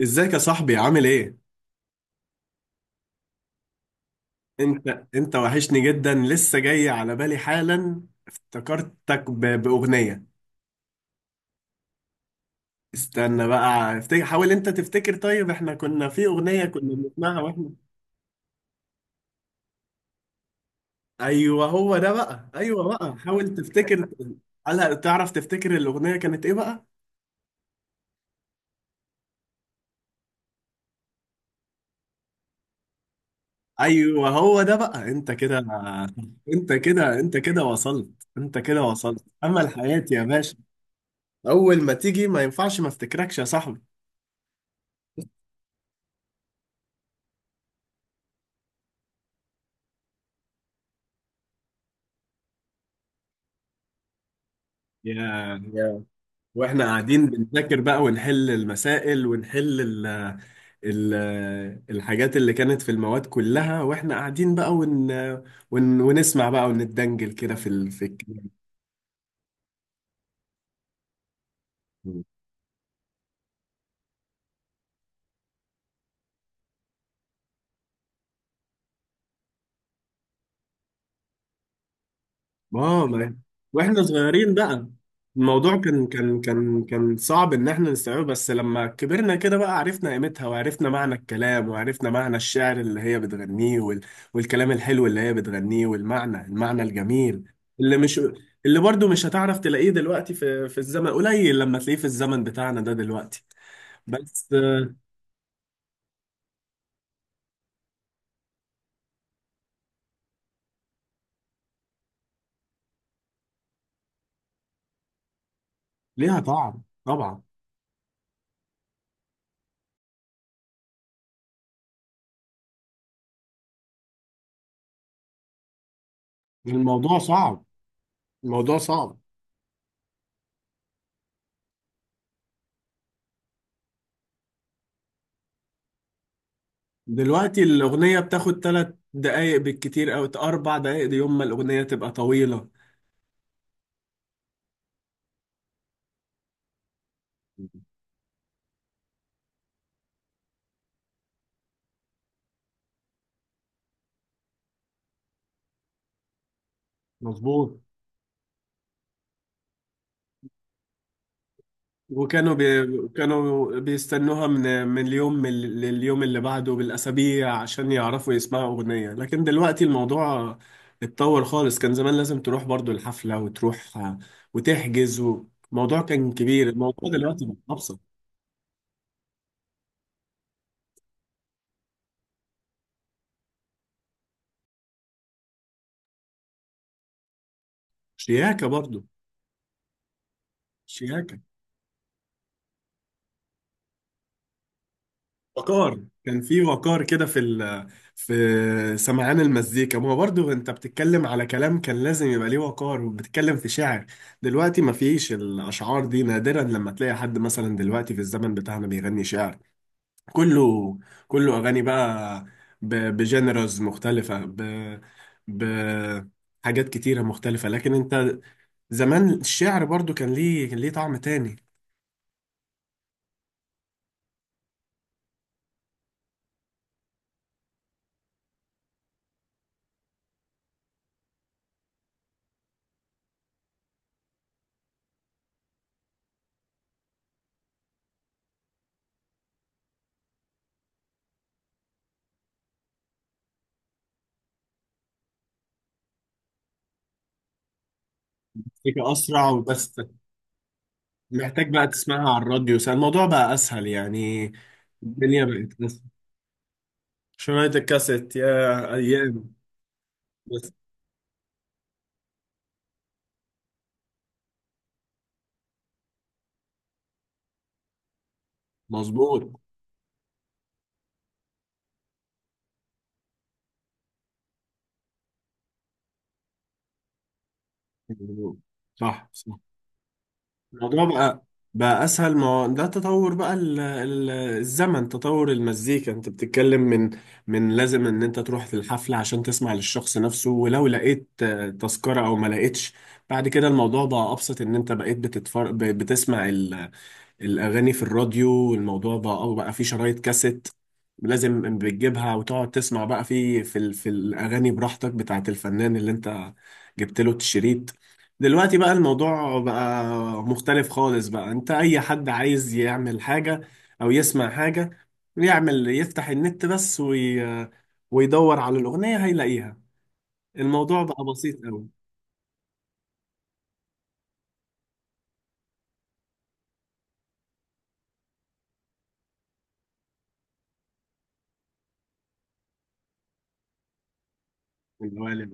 ازيك يا صاحبي؟ عامل ايه؟ انت وحشني جدا، لسه جاي على بالي حالا. افتكرتك باغنيه. استنى بقى افتكر، حاول انت تفتكر. طيب احنا كنا في اغنيه كنا بنسمعها واحنا. ايوه هو ده بقى، ايوه بقى، حاول تفتكر. هل تعرف تفتكر الاغنيه كانت ايه بقى؟ ايوه هو ده بقى. انت كده وصلت. انت كده وصلت، امل حياتي يا باشا. اول ما تيجي ما ينفعش ما افتكركش يا صاحبي. يا يا واحنا قاعدين بنذاكر بقى ونحل المسائل، ونحل ال ال الحاجات اللي كانت في المواد كلها، واحنا قاعدين بقى ون ون ونسمع بقى ونتدنجل كده في الكلام. اه ما واحنا صغيرين بقى، الموضوع كان صعب ان احنا نستوعبه، بس لما كبرنا كده بقى عرفنا قيمتها، وعرفنا معنى الكلام، وعرفنا معنى الشعر اللي هي بتغنيه، والكلام الحلو اللي هي بتغنيه، والمعنى الجميل اللي مش اللي برضو مش هتعرف تلاقيه دلوقتي، في الزمن قليل لما تلاقيه في الزمن بتاعنا ده دلوقتي. بس ليها طعم طبعا. الموضوع صعب، الموضوع صعب. دلوقتي الأغنية بتاخد تلات دقايق بالكتير، أو أربع دقايق. دي يوم ما الأغنية تبقى طويلة. مظبوط. كانوا بيستنوها من اليوم لليوم اللي بعده بالأسابيع عشان يعرفوا يسمعوا أغنية، لكن دلوقتي الموضوع اتطور خالص. كان زمان لازم تروح برضو الحفلة، وتروح وتحجز و... الموضوع كان كبير، الموضوع دلوقتي بقى أبسط. شياكة برضو. شياكة. وقار، كان في وقار كده في ال... في سمعان المزيكا. ما هو برضو انت بتتكلم على كلام كان لازم يبقى ليه وقار، وبتتكلم في شعر. دلوقتي ما فيش الاشعار دي، نادرا لما تلاقي حد مثلا دلوقتي في الزمن بتاعنا بيغني شعر. كله، اغاني بقى، بجنرز مختلفة، ب... حاجات كتيرة مختلفة. لكن انت زمان الشعر برضو كان ليه، طعم تاني. المزيكا أسرع وبس، محتاج بقى تسمعها على الراديو، الموضوع بقى اسهل يعني. الدنيا بقت اسهل. شرايط الكاسيت، يا ايام. بس مظبوط. مظبوط. صح، صح. الموضوع بقى اسهل. ما هو ده تطور بقى، ال ال الزمن تطور المزيكا، انت بتتكلم من، لازم ان انت تروح في الحفلة عشان تسمع للشخص نفسه، ولو لقيت تذكرة او ما لقيتش. بعد كده الموضوع بقى ابسط، ان انت بقيت بتسمع الأغاني في الراديو. الموضوع بقى، أو بقى في شرايط كاسيت لازم بتجيبها وتقعد تسمع بقى في الأغاني براحتك، بتاعة الفنان اللي أنت جبت له الشريط. دلوقتي بقى الموضوع بقى مختلف خالص بقى. أنت أي حد عايز يعمل حاجة أو يسمع حاجة، يعمل يفتح النت بس ويدور على الأغنية هيلاقيها. الموضوع بقى بسيط أوي. الأوالي.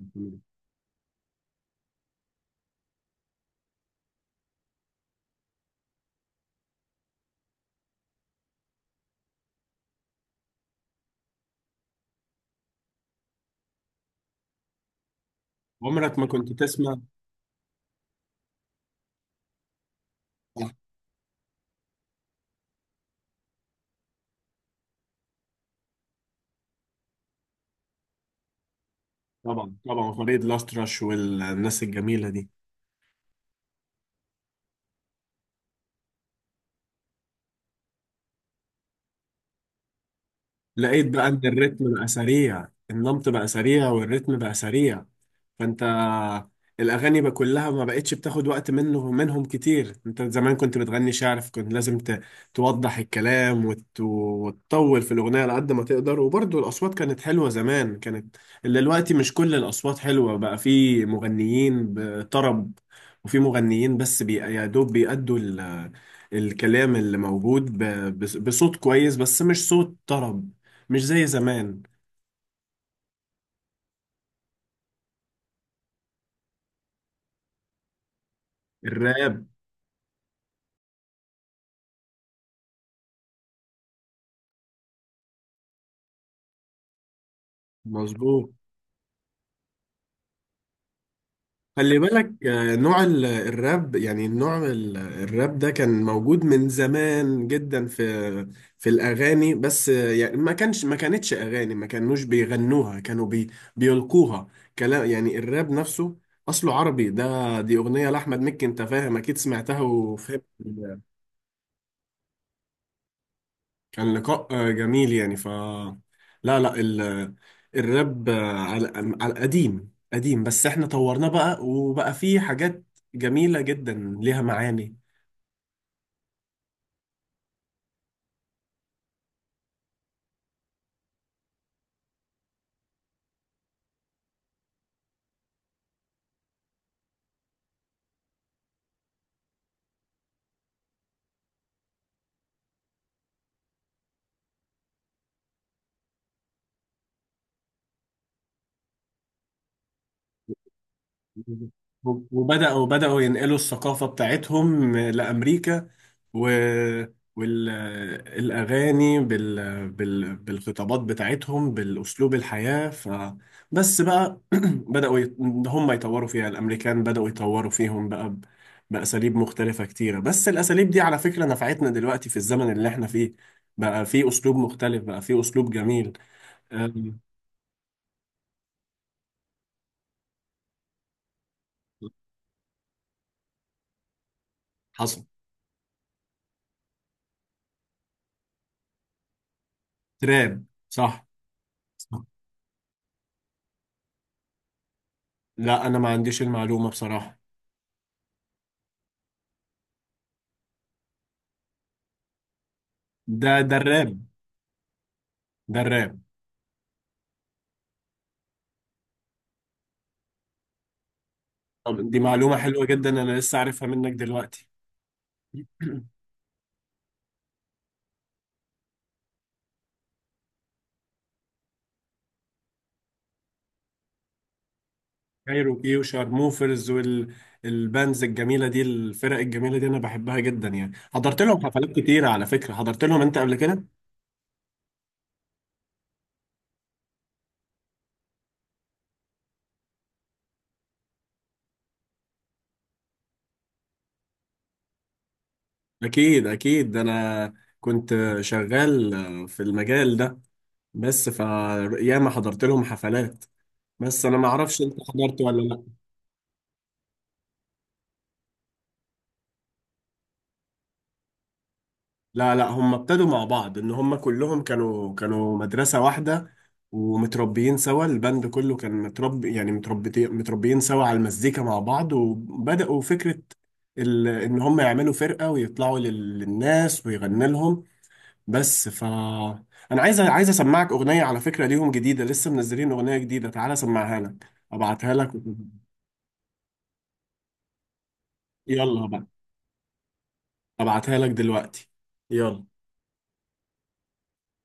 عمرك ما كنت تسمع. طبعا، طبعا، فريد الأطرش والناس الجميلة دي. لقيت بقى إن الريتم بقى سريع، النمط بقى سريع، والريتم بقى سريع، فانت الاغاني بقى كلها ما بقتش بتاخد وقت منهم كتير. انت زمان كنت بتغني شعر، فكنت لازم توضح الكلام وتطول في الاغنيه على قد ما تقدر، وبرضه الاصوات كانت حلوه زمان، كانت اللي دلوقتي مش كل الاصوات حلوه بقى. في مغنيين بطرب، وفي مغنيين بس يا دوب بيأدوا الكلام اللي موجود بصوت كويس، بس مش صوت طرب، مش زي زمان. الراب. مظبوط. خلي بالك، نوع الراب، يعني نوع الراب ده كان موجود من زمان جدا في الأغاني، بس يعني ما كانش، ما كانتش أغاني، ما كانوش بيغنوها، كانوا بيلقوها كلام. يعني الراب نفسه أصله عربي، ده دي أغنية لأحمد مكي، أنت فاهم، أكيد سمعتها وفهمت. كان لقاء جميل يعني ف... لا، لا، ال... الراب على، على قديم قديم، بس احنا طورناه بقى، وبقى فيه حاجات جميلة جدا ليها معاني. بدأوا ينقلوا الثقافة بتاعتهم لأمريكا، و... والأغاني بالخطابات بتاعتهم بالأسلوب الحياة ف... بس بقى بدأوا يت... هم يطوروا فيها. الأمريكان بدأوا يطوروا فيهم بقى بأساليب مختلفة كتيرة، بس الأساليب دي على فكرة نفعتنا دلوقتي في الزمن اللي احنا فيه، بقى في أسلوب مختلف، بقى في أسلوب جميل. أم، حصل. تراب، صح. لا انا ما عنديش المعلومة بصراحة. ده الراب. ده الراب. طب دي معلومة حلوة جدا، انا لسه عارفها منك دلوقتي. كايروكي وشارموفرز والبانز الجميلة دي، الفرق الجميلة دي انا بحبها جدا. يعني حضرت لهم حفلات كتيرة على فكرة، حضرت لهم انت قبل كده؟ اكيد، اكيد، ده انا كنت شغال في المجال ده، بس ف... ياما حضرت لهم حفلات، بس انا ما اعرفش انت حضرت ولا. لا، لا، هم ابتدوا مع بعض، ان هم كلهم كانوا مدرسة واحدة، ومتربيين سوا. البند كله كان متربي، يعني متربيين، سوا على المزيكا مع بعض، وبدأوا فكرة ال... ان هم يعملوا فرقة ويطلعوا للناس ويغني لهم. بس ف... انا عايز اسمعك اغنية على فكرة ليهم جديدة، لسه منزلين اغنية جديدة، تعالى اسمعها لك، ابعتها لك. يلا بقى، ابعتها لك دلوقتي، يلا.